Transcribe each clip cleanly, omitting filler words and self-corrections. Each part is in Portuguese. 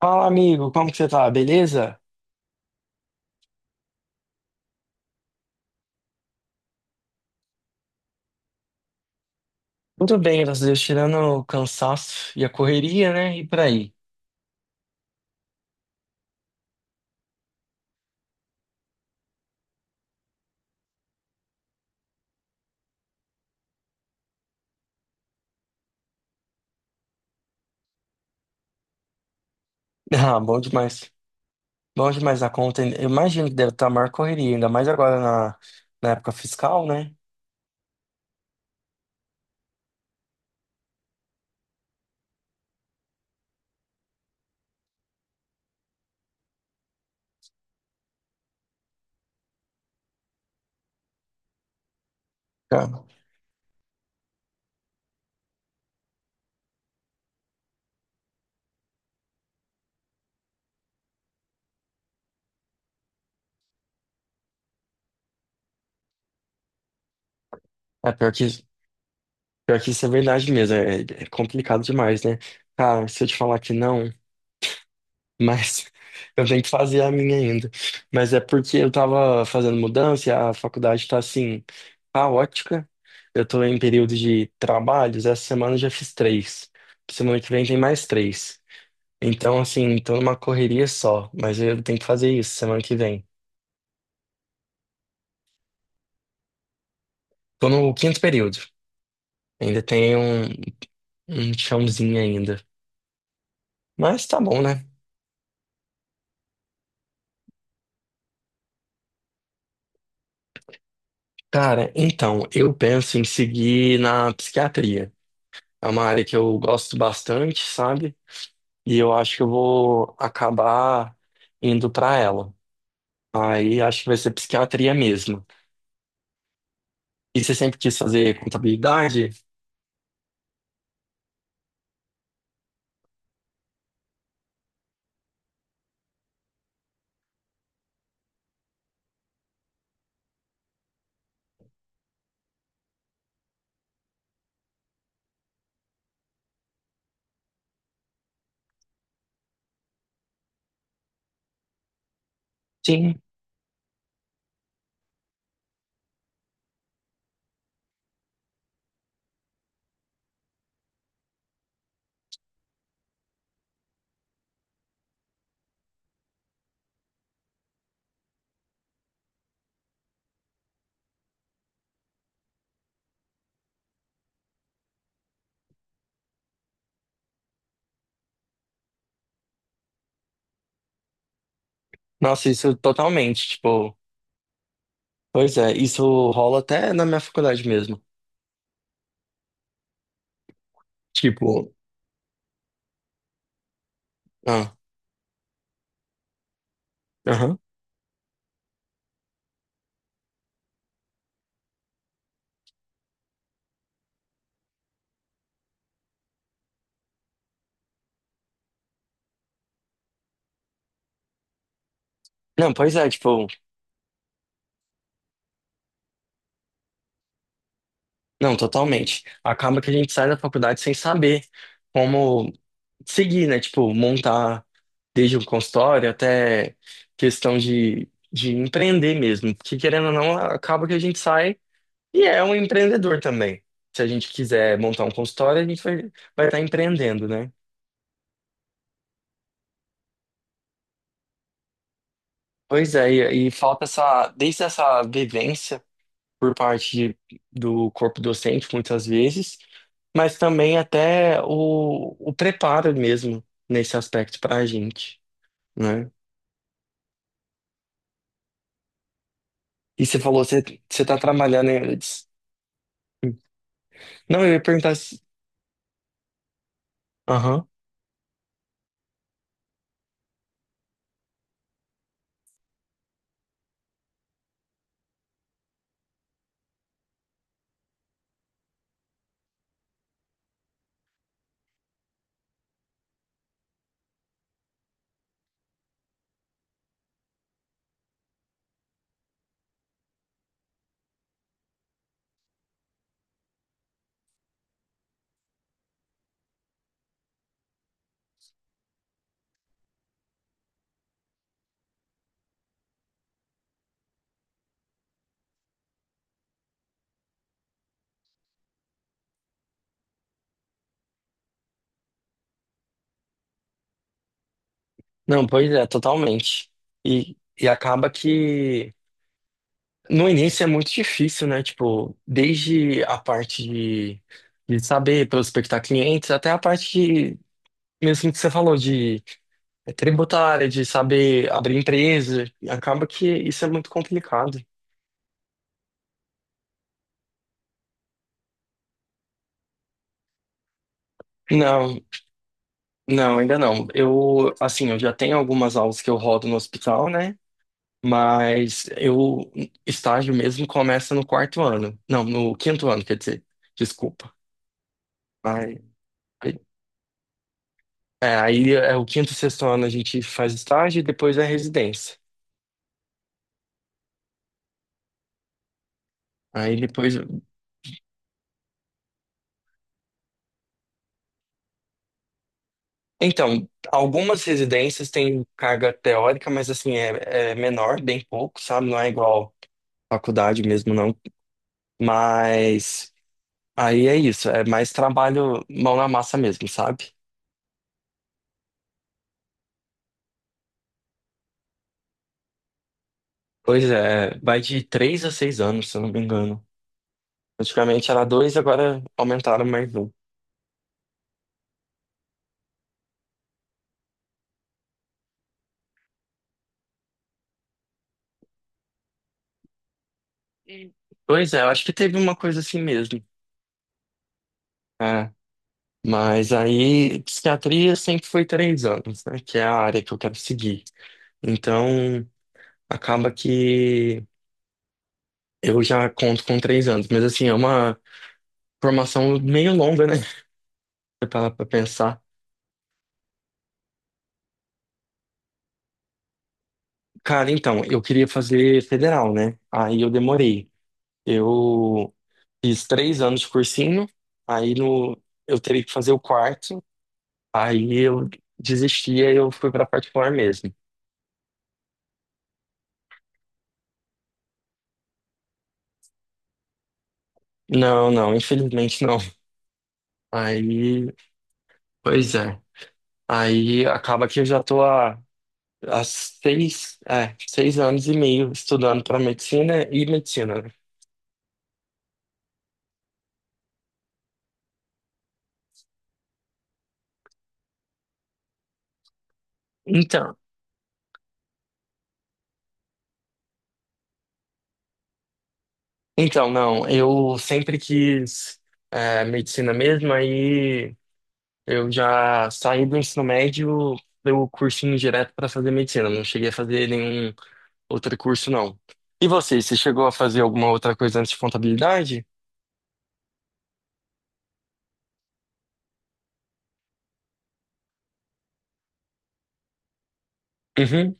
Fala, amigo, como que você tá? Beleza? Tudo bem, graças a Deus, tirando o cansaço e a correria, né? E por aí. Ah, bom demais. Bom demais a conta. Eu imagino que deve estar a maior correria, ainda mais agora na época fiscal, né? Cara, é pior que, pior que isso é verdade mesmo. É complicado demais, né? Cara, se eu te falar que não. Mas eu tenho que fazer a minha ainda. Mas é porque eu tava fazendo mudança e a faculdade tá assim, caótica. Eu tô em período de trabalhos, essa semana eu já fiz três. Semana que vem tem mais três. Então, assim, tô numa correria só, mas eu tenho que fazer isso semana que vem. Tô no quinto período. Ainda tem um chãozinho ainda. Mas tá bom, né? Cara, então, eu penso em seguir na psiquiatria. É uma área que eu gosto bastante, sabe? E eu acho que eu vou acabar indo pra ela. Aí acho que vai ser psiquiatria mesmo. E você sempre quis fazer contabilidade? Sim. Nossa, isso totalmente, tipo, pois é, isso rola até na minha faculdade mesmo. Tipo, ah, aham. Não, pois é, tipo, não, totalmente. Acaba que a gente sai da faculdade sem saber como seguir, né? Tipo, montar desde o consultório até questão de empreender mesmo. Porque querendo ou não, acaba que a gente sai e é um empreendedor também. Se a gente quiser montar um consultório, a gente vai estar empreendendo, né? Pois é, e falta essa, desde essa vivência. Por parte do corpo docente, muitas vezes, mas também até o preparo mesmo nesse aspecto para a gente, né? E você falou, você tá trabalhando em... Não, eu ia perguntar se... Aham. Não, pois é, totalmente. E acaba que no início é muito difícil, né? Tipo, desde a parte de saber prospectar clientes até a parte de, mesmo que você falou de é tributária, de saber abrir empresa. E acaba que isso é muito complicado. Não, não, ainda não. Eu, assim, eu já tenho algumas aulas que eu rodo no hospital, né? Mas estágio mesmo começa no quarto ano. Não, no quinto ano, quer dizer. Desculpa. Aí, aí é o quinto, e sexto ano a gente faz estágio e depois é residência. Aí depois. Então, algumas residências têm carga teórica, mas assim, é menor, bem pouco, sabe? Não é igual faculdade mesmo não, mas aí é isso, é mais trabalho mão na massa mesmo, sabe? Pois é, vai de 3 a 6 anos, se eu não me engano. Antigamente era dois, agora aumentaram mais um. Hum. Pois é, eu acho que teve uma coisa assim mesmo. É, mas aí psiquiatria sempre foi 3 anos, né? Que é a área que eu quero seguir. Então acaba que eu já conto com 3 anos, mas assim, é uma formação meio longa, né? Pra pensar. Cara, então, eu queria fazer federal, né? Aí eu demorei. Eu fiz 3 anos de cursinho, aí no, eu teria que fazer o quarto, aí eu desisti, aí eu fui pra particular mesmo. Não, não, infelizmente não. Aí, pois é. Aí acaba que eu já tô há 6 anos e meio estudando para medicina e medicina, né? Então, então, não, eu sempre quis medicina mesmo, aí. Eu já saí do ensino médio, dei o cursinho direto para fazer medicina. Não cheguei a fazer nenhum outro curso, não. E você chegou a fazer alguma outra coisa antes de contabilidade? Uhum,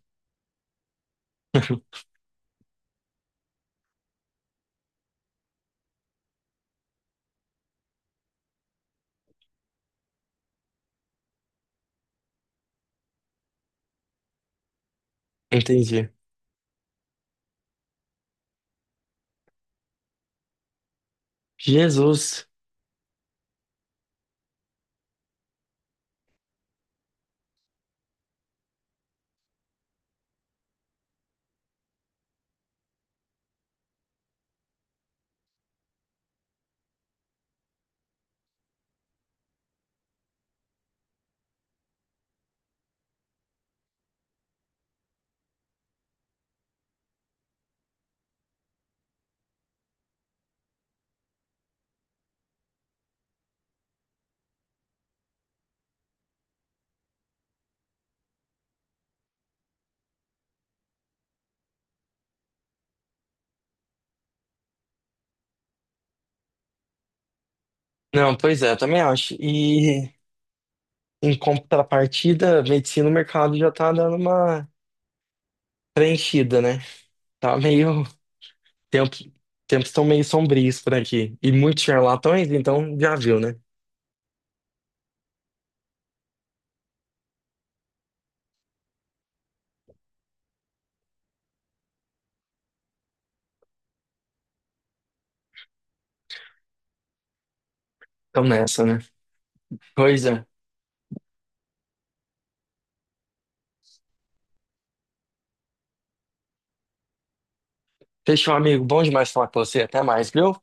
entendi. Jesus. Não, pois é, eu também acho. E em contrapartida, medicina, o mercado já tá dando uma preenchida, né? Tá meio. Tempo... Tempos estão meio sombrios por aqui. E muitos charlatões, então já viu, né? Estão nessa, né? Pois é. Fechou, amigo. Bom demais falar com você. Até mais, viu?